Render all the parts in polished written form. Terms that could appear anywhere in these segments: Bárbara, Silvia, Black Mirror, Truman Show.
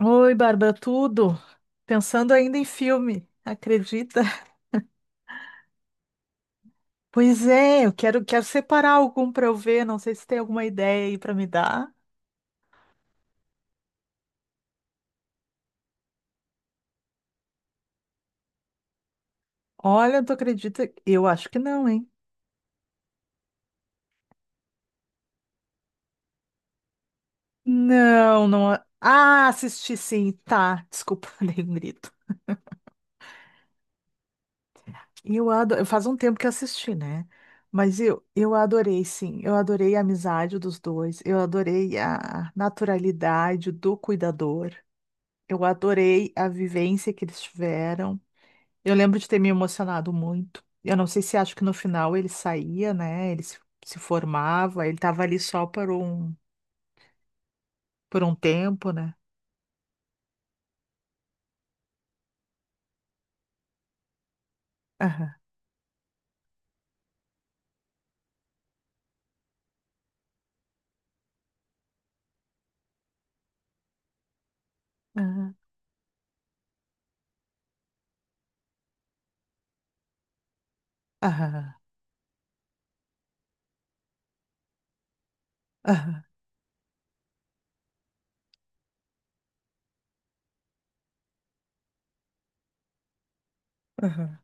Oi, Bárbara, tudo? Pensando ainda em filme, acredita? Pois é, eu quero, quero separar algum para eu ver, não sei se tem alguma ideia aí para me dar. Olha, tu acredita? Eu acho que não, hein? Não, não. Ah, assisti sim, tá. Desculpa, dei um grito. Eu adoro, faz um tempo que eu assisti, né? Mas eu adorei, sim. Eu adorei a amizade dos dois. Eu adorei a naturalidade do cuidador. Eu adorei a vivência que eles tiveram. Eu lembro de ter me emocionado muito. Eu não sei se acho que no final ele saía, né? Ele se, se formava, ele estava ali só por um tempo, né? Aham, aham, aham, aham, aham,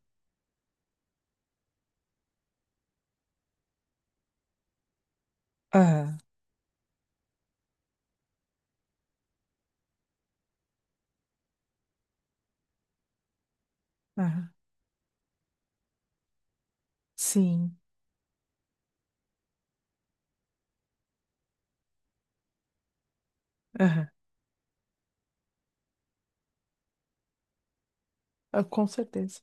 aham, aham. Sim, aham, ah, com certeza.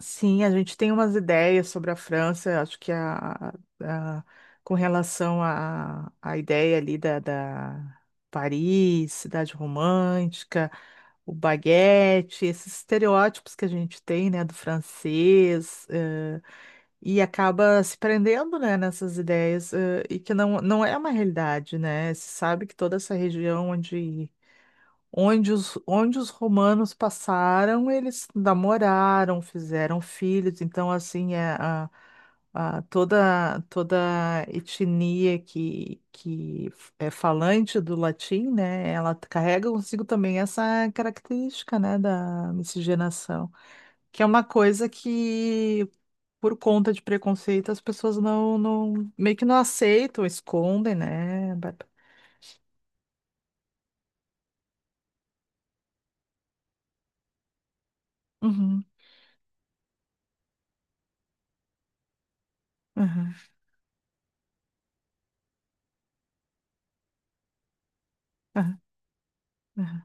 Sim, a gente tem umas ideias sobre a França, acho que a- com relação à à ideia ali da, da Paris, cidade romântica, o baguete, esses estereótipos que a gente tem, né, do francês, e acaba se prendendo, né, nessas ideias, e que não, não é uma realidade, né? Se sabe que toda essa região onde os, onde os romanos passaram, eles namoraram, fizeram filhos. Então, assim, toda, toda etnia que é falante do latim, né? Ela carrega consigo também essa característica, né, da miscigenação, que é uma coisa que, por conta de preconceito, as pessoas não, não meio que não aceitam, escondem, né? Bárbara? Uhum, uhum, uhum, uhum,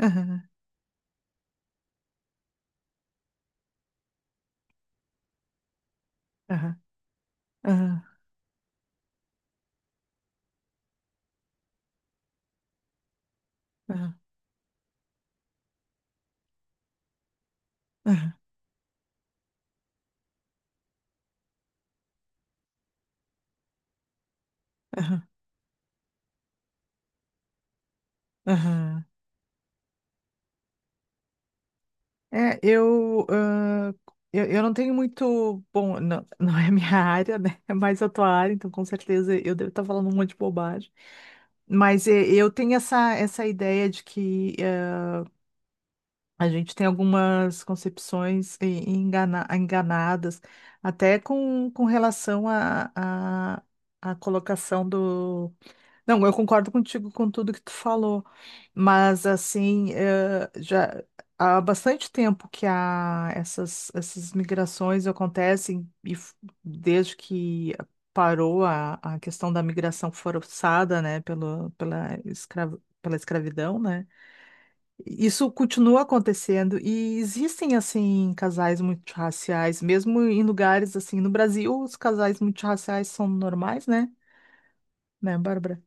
uhum, uhum. Aham, aham, aham, aham, aham. É, eu, ah, eu não tenho muito. Bom, não, não é a minha área, né? É mais a tua área, então com certeza eu devo estar falando um monte de bobagem. Mas eu tenho essa, essa ideia de que a gente tem algumas concepções enganadas, até com relação à à à colocação do. Não, eu concordo contigo com tudo que tu falou, mas assim, já há bastante tempo que há essas, essas migrações acontecem, desde que parou a questão da migração forçada, né, pelo, pela escravidão, né? Isso continua acontecendo e existem assim casais multirraciais, mesmo em lugares assim, no Brasil, os casais multirraciais são normais, né? Né, Bárbara?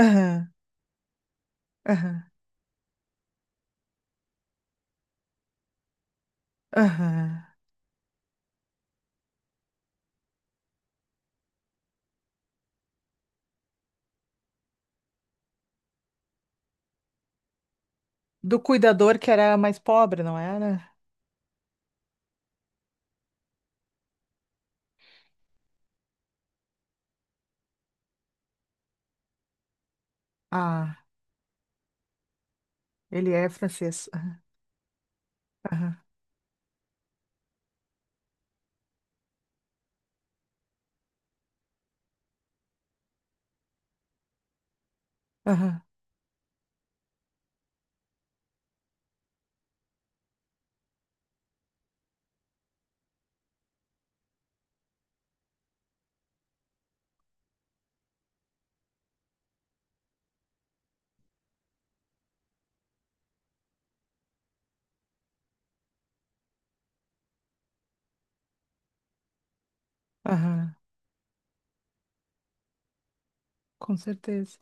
Aham, aham, aham. Do cuidador que era mais pobre, não era? Ah, ele é francês. Aham, aham, aham. Com certeza.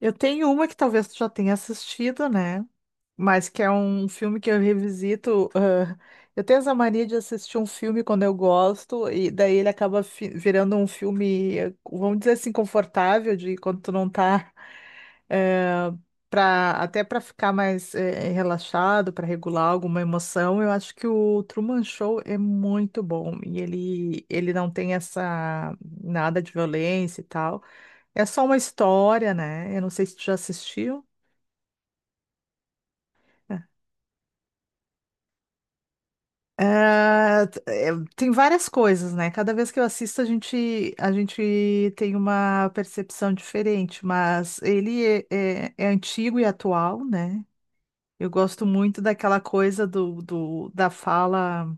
Eu tenho uma que talvez tu já tenha assistido, né? Mas que é um filme que eu revisito. Ah, eu tenho essa mania de assistir um filme quando eu gosto, e daí ele acaba virando um filme, vamos dizer assim, confortável, de quando tu não tá. eh, Pra, até para ficar mais relaxado, para regular alguma emoção. Eu acho que o Truman Show é muito bom, e ele não tem essa, nada de violência e tal. É só uma história, né? Eu não sei se tu já assistiu. É, ah, é, tem várias coisas, né? Cada vez que eu assisto, a gente tem uma percepção diferente, mas ele é, é antigo e atual, né? Eu gosto muito daquela coisa do, da fala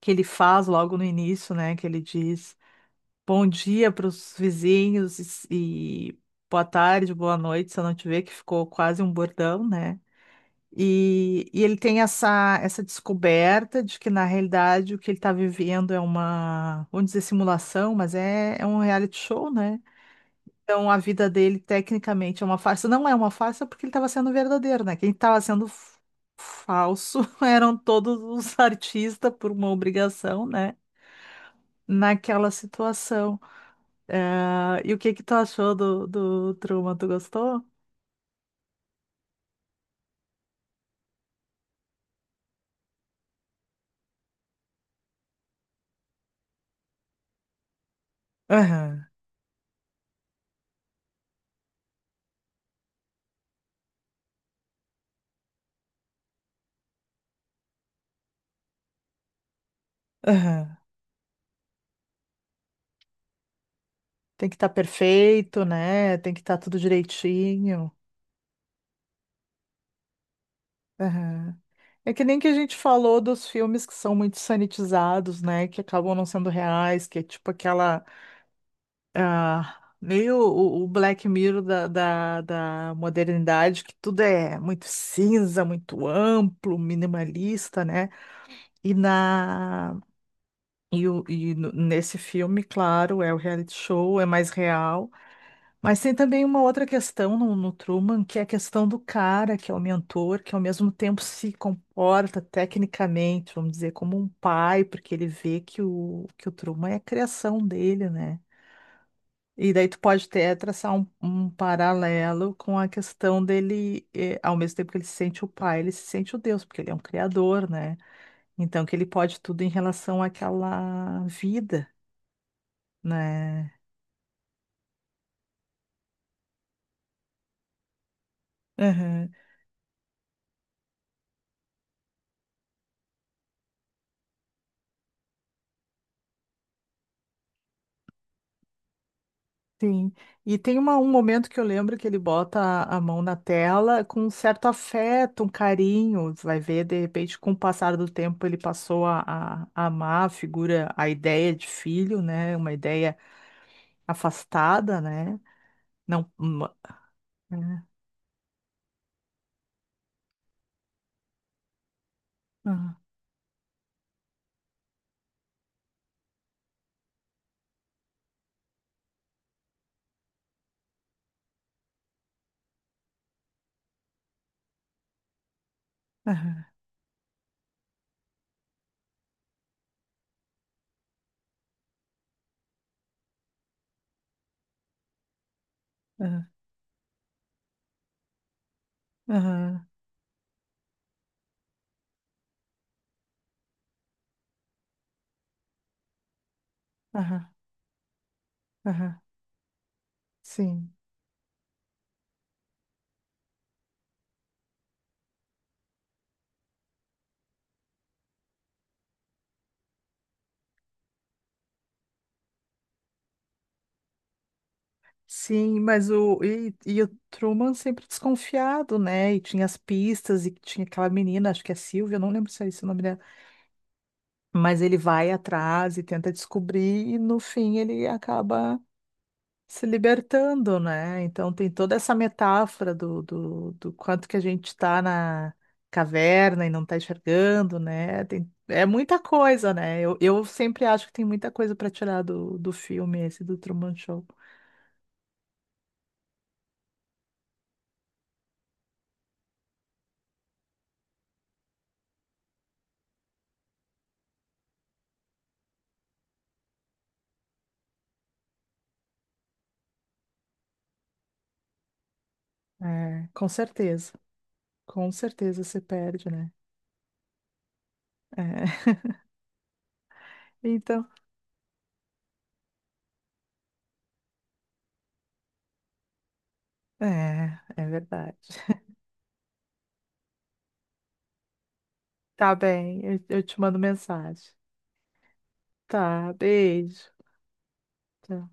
que ele faz logo no início, né? Que ele diz bom dia para os vizinhos e boa tarde, boa noite, se eu não te ver, que ficou quase um bordão, né? E ele tem essa, essa descoberta de que, na realidade, o que ele está vivendo é uma, vamos dizer, simulação, mas é, é um reality show, né? Então, a vida dele, tecnicamente, é uma farsa. Não é uma farsa porque ele estava sendo verdadeiro, né? Quem estava sendo falso eram todos os artistas por uma obrigação, né? Naquela situação. E o que que tu achou do, do Truman? Tu gostou? Aham, aham. Tem que estar perfeito, né? Tem que estar tudo direitinho. Aham. É que nem que a gente falou dos filmes que são muito sanitizados, né? Que acabam não sendo reais, que é tipo aquela, ah, meio o Black Mirror da, da, da modernidade, que tudo é muito cinza, muito amplo, minimalista, né? E na, e nesse filme, claro, é o reality show, é mais real. Mas tem também uma outra questão no Truman, que é a questão do cara, que é o mentor, que ao mesmo tempo se comporta tecnicamente, vamos dizer, como um pai, porque ele vê que o Truman é a criação dele, né? E daí tu pode até traçar um, um paralelo com a questão dele, ao mesmo tempo que ele se sente o pai, ele se sente o Deus, porque ele é um criador, né? Então que ele pode tudo em relação àquela vida, né? Sim, e tem um momento que eu lembro que ele bota a mão na tela com um certo afeto, um carinho. Você vai ver, de repente, com o passar do tempo, ele passou a, a amar a figura, a ideia de filho, né? Uma ideia afastada, né? Não. Uma... Aham, aham, aham, aham, aham, aham. Sim, sim, mas e o Truman sempre desconfiado, né? E tinha as pistas e tinha aquela menina, acho que é Silvia, eu não lembro se é esse o nome dela. Mas ele vai atrás e tenta descobrir, e no fim ele acaba se libertando, né? Então tem toda essa metáfora do, do, do quanto que a gente está na caverna e não está enxergando, né? Tem, é muita coisa, né? Eu sempre acho que tem muita coisa para tirar do, do filme esse do Truman Show. É, com certeza. Com certeza se perde, né? É. Então, é, é verdade. Tá bem, eu te mando mensagem. Tá, beijo. Tá.